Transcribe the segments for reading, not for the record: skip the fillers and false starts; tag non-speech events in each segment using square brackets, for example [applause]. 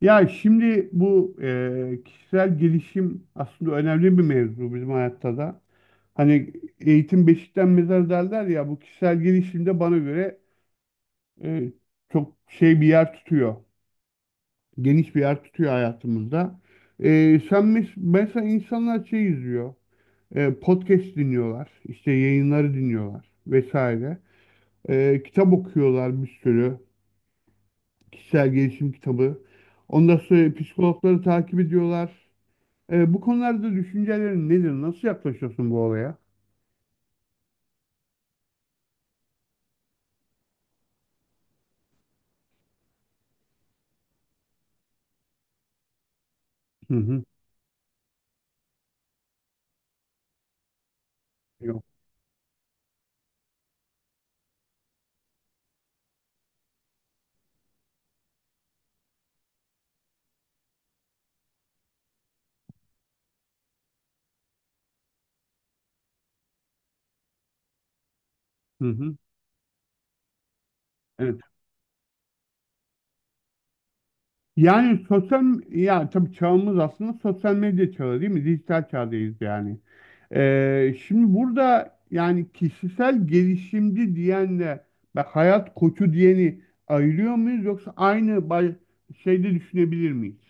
Ya şimdi bu kişisel gelişim aslında önemli bir mevzu bizim hayatta da. Hani eğitim beşikten mezar derler ya bu kişisel gelişim de bana göre e, çok şey bir yer tutuyor. Geniş bir yer tutuyor hayatımızda. Sen mesela insanlar şey izliyor. Podcast dinliyorlar, işte yayınları dinliyorlar vesaire. Kitap okuyorlar bir sürü. Kişisel gelişim kitabı. Ondan sonra psikologları takip ediyorlar. Bu konularda düşüncelerin nedir? Nasıl yaklaşıyorsun bu olaya? Hı hı. Yok. Hı hı. Evet. Yani ya tabii çağımız aslında sosyal medya çağı değil mi? Dijital çağdayız yani. Şimdi burada yani kişisel gelişimci diyenle ve hayat koçu diyeni ayırıyor muyuz yoksa aynı şeyde düşünebilir miyiz?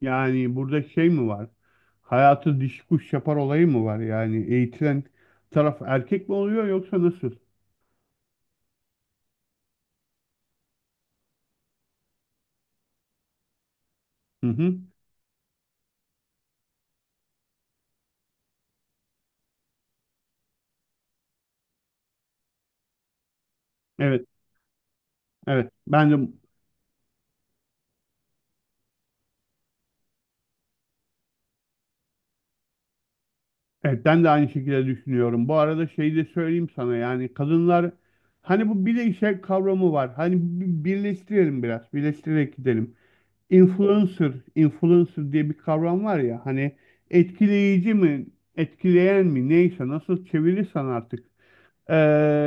Yani burada şey mi var? Hayatı diş kuş yapar olayı mı var? Yani eğitilen taraf erkek mi oluyor yoksa nasıl? Hı hı. Evet, evet. Ben de evet, ben de aynı şekilde düşünüyorum. Bu arada şeyi de söyleyeyim sana yani kadınlar hani bu bir de işe kavramı var. Hani birleştirelim biraz, birleştirerek gidelim. Influencer diye bir kavram var ya hani, etkileyici mi, etkileyen mi neyse nasıl çevirirsen artık. Ee,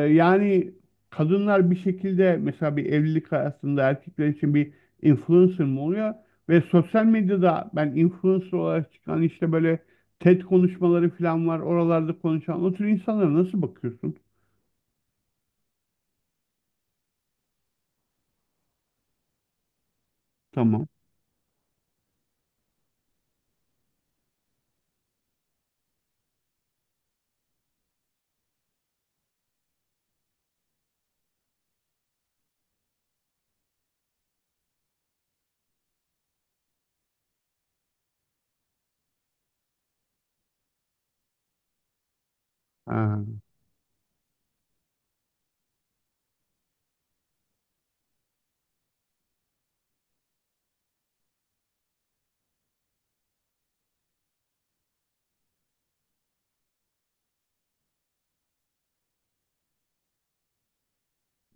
Yani kadınlar bir şekilde mesela bir evlilik hayatında erkekler için bir influencer mı oluyor? Ve sosyal medyada ben influencer olarak çıkan işte böyle TED konuşmaları falan var. Oralarda konuşan o tür insanlara nasıl bakıyorsun? Tamam. Ha,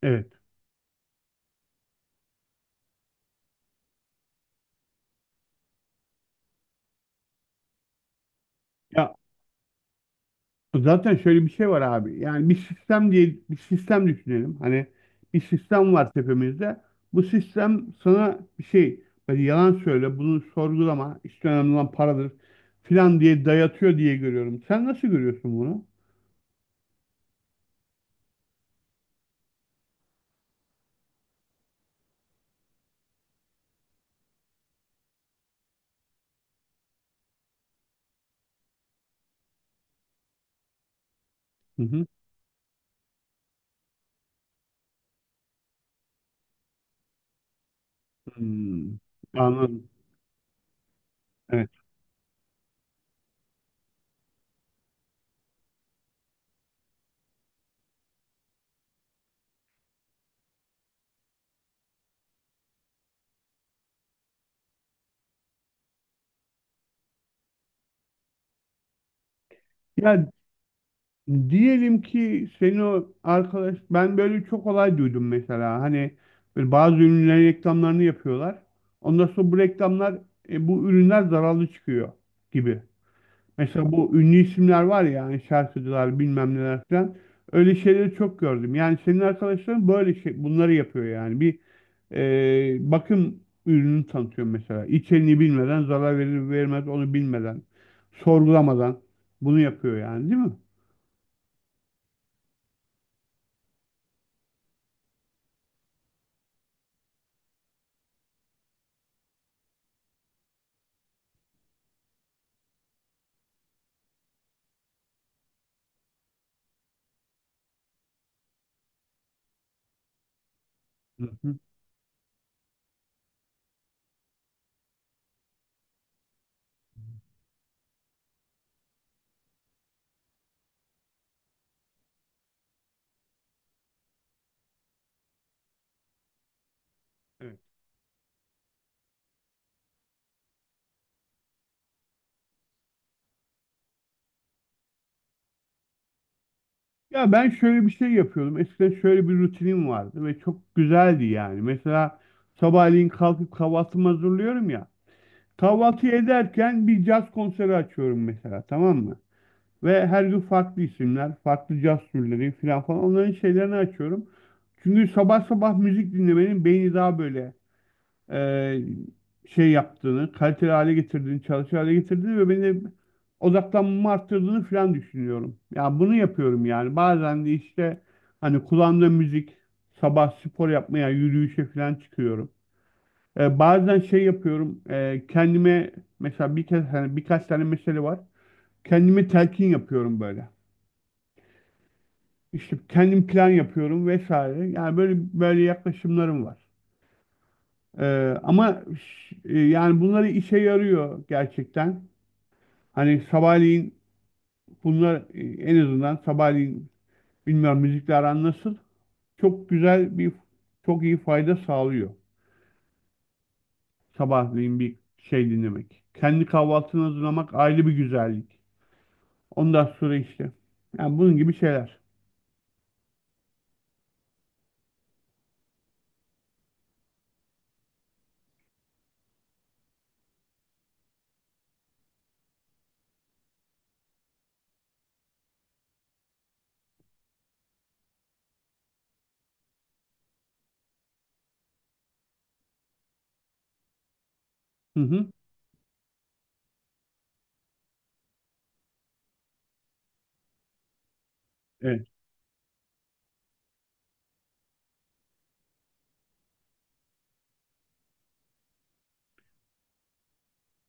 evet. Ya zaten şöyle bir şey var abi. Yani bir sistem diye bir sistem düşünelim. Hani bir sistem var tepemizde. Bu sistem sana bir şey böyle yalan söyle, bunu sorgulama, işte önemli olan paradır filan diye dayatıyor diye görüyorum. Sen nasıl görüyorsun bunu? Hı hı. Hmm, anladım. Evet. Ya diyelim ki senin o arkadaş, ben böyle çok olay duydum mesela hani böyle bazı ürünlerin reklamlarını yapıyorlar. Ondan sonra bu reklamlar, bu ürünler zararlı çıkıyor gibi. Mesela bu ünlü isimler var ya hani, şarkıcılar bilmem neler falan, öyle şeyleri çok gördüm. Yani senin arkadaşların böyle şey bunları yapıyor yani bir bakım ürünü tanıtıyor mesela. İçeriğini bilmeden, zarar verir vermez onu bilmeden, sorgulamadan bunu yapıyor yani değil mi? Hı hı. Ya ben şöyle bir şey yapıyordum. Eskiden şöyle bir rutinim vardı ve çok güzeldi yani. Mesela sabahleyin kalkıp kahvaltımı hazırlıyorum ya. Kahvaltı ederken bir caz konseri açıyorum mesela, tamam mı? Ve her gün farklı isimler, farklı caz türleri falan falan, onların şeylerini açıyorum. Çünkü sabah sabah müzik dinlemenin beyni daha böyle e, şey yaptığını, kaliteli hale getirdiğini, çalışır hale getirdiğini ve beni odaklanmamı arttırdığını falan düşünüyorum. Ya bunu yapıyorum yani. Bazen de işte hani kulağımda müzik, sabah spor yapmaya, yürüyüşe falan çıkıyorum. Bazen şey yapıyorum, kendime mesela bir kez, hani birkaç tane mesele var. Kendime telkin yapıyorum böyle. İşte kendim plan yapıyorum vesaire. Yani böyle böyle yaklaşımlarım var. Ee, ama yani bunları işe yarıyor gerçekten. Hani sabahleyin bunlar, en azından sabahleyin, bilmiyorum müzikle aran nasıl. Çok güzel bir Çok iyi fayda sağlıyor. Sabahleyin bir şey dinlemek, kendi kahvaltını hazırlamak, ayrı bir güzellik. Ondan sonra işte. Yani bunun gibi şeyler. Hı hı. Evet.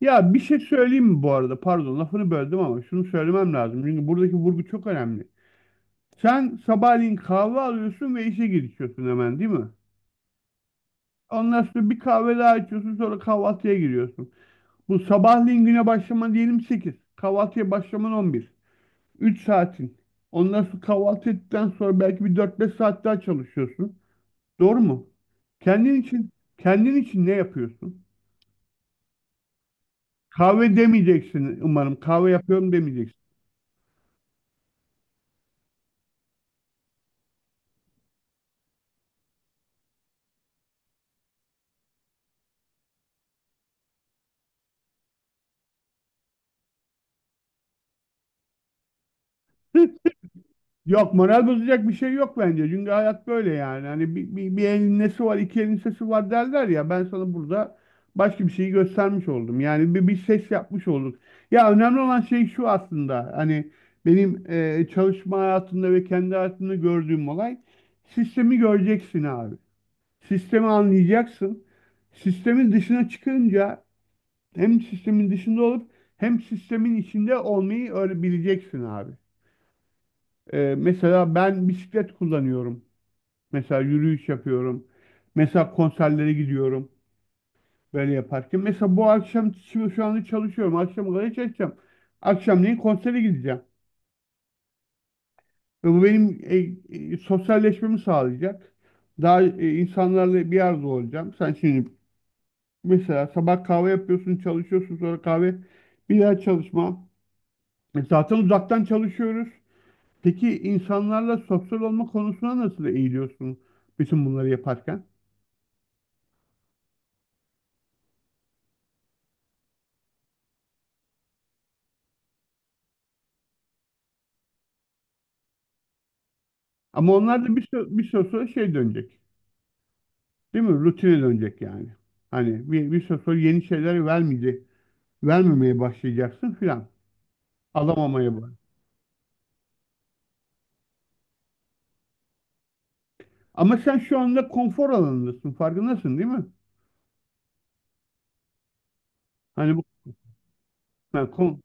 Ya bir şey söyleyeyim mi bu arada? Pardon lafını böldüm ama şunu söylemem lazım, çünkü buradaki vurgu çok önemli. Sen sabahleyin kahve alıyorsun ve işe girişiyorsun hemen değil mi? Ondan sonra bir kahve daha içiyorsun, sonra kahvaltıya giriyorsun. Bu sabahleyin güne başlaman diyelim 8. Kahvaltıya başlaman 11. 3 saatin. Ondan sonra kahvaltı ettikten sonra belki bir 4-5 saat daha çalışıyorsun. Doğru mu? Kendin için Kendin için ne yapıyorsun? Kahve demeyeceksin umarım. Kahve yapıyorum demeyeceksin. [laughs] Yok, moral bozacak bir şey yok bence. Çünkü hayat böyle yani. Hani bir elin nesi var, iki elin sesi var derler ya. Ben sana burada başka bir şeyi göstermiş oldum. Yani bir ses yapmış olduk. Ya önemli olan şey şu aslında. Hani benim çalışma hayatımda ve kendi hayatımda gördüğüm olay, sistemi göreceksin abi. Sistemi anlayacaksın. Sistemin dışına çıkınca hem sistemin dışında olup hem sistemin içinde olmayı öğrenebileceksin abi. Mesela ben bisiklet kullanıyorum. Mesela yürüyüş yapıyorum. Mesela konserlere gidiyorum. Böyle yaparken. Mesela bu akşam, şimdi şu anda çalışıyorum, akşam kadar çalışacağım. Akşamleyin konsere gideceğim. Ve bu benim sosyalleşmemi sağlayacak. Daha insanlarla bir arada olacağım. Sen şimdi mesela sabah kahve yapıyorsun, çalışıyorsun, sonra kahve, bir daha çalışma. Zaten uzaktan çalışıyoruz. Peki insanlarla sosyal olma konusuna nasıl eğiliyorsun bütün bunları yaparken? Ama onlar da bir süre sonra şey dönecek. Değil mi? Rutine dönecek yani. Hani bir süre sonra yeni şeyler vermeyecek. Vermemeye başlayacaksın filan. Alamamaya bak. Ama sen şu anda konfor alanındasın. Farkındasın değil mi? Hani bu ha, kon,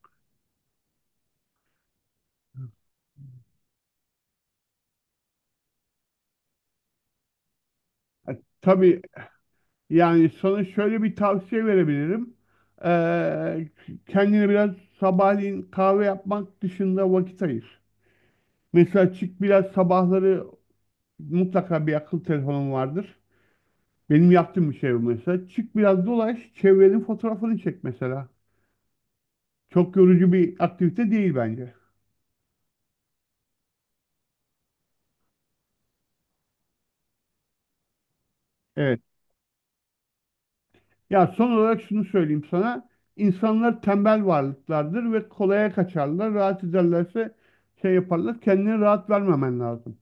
ha, tabii, yani sana şöyle bir tavsiye verebilirim. Ee, Kendine biraz sabahleyin kahve yapmak dışında vakit ayır. Mesela çık biraz sabahları, mutlaka bir akıl telefonun vardır. Benim yaptığım bir şey bu mesela. Çık biraz dolaş, çevrenin fotoğrafını çek mesela. Çok yorucu bir aktivite değil bence. Evet. Ya son olarak şunu söyleyeyim sana. İnsanlar tembel varlıklardır ve kolaya kaçarlar. Rahat ederlerse şey yaparlar. Kendine rahat vermemen lazım.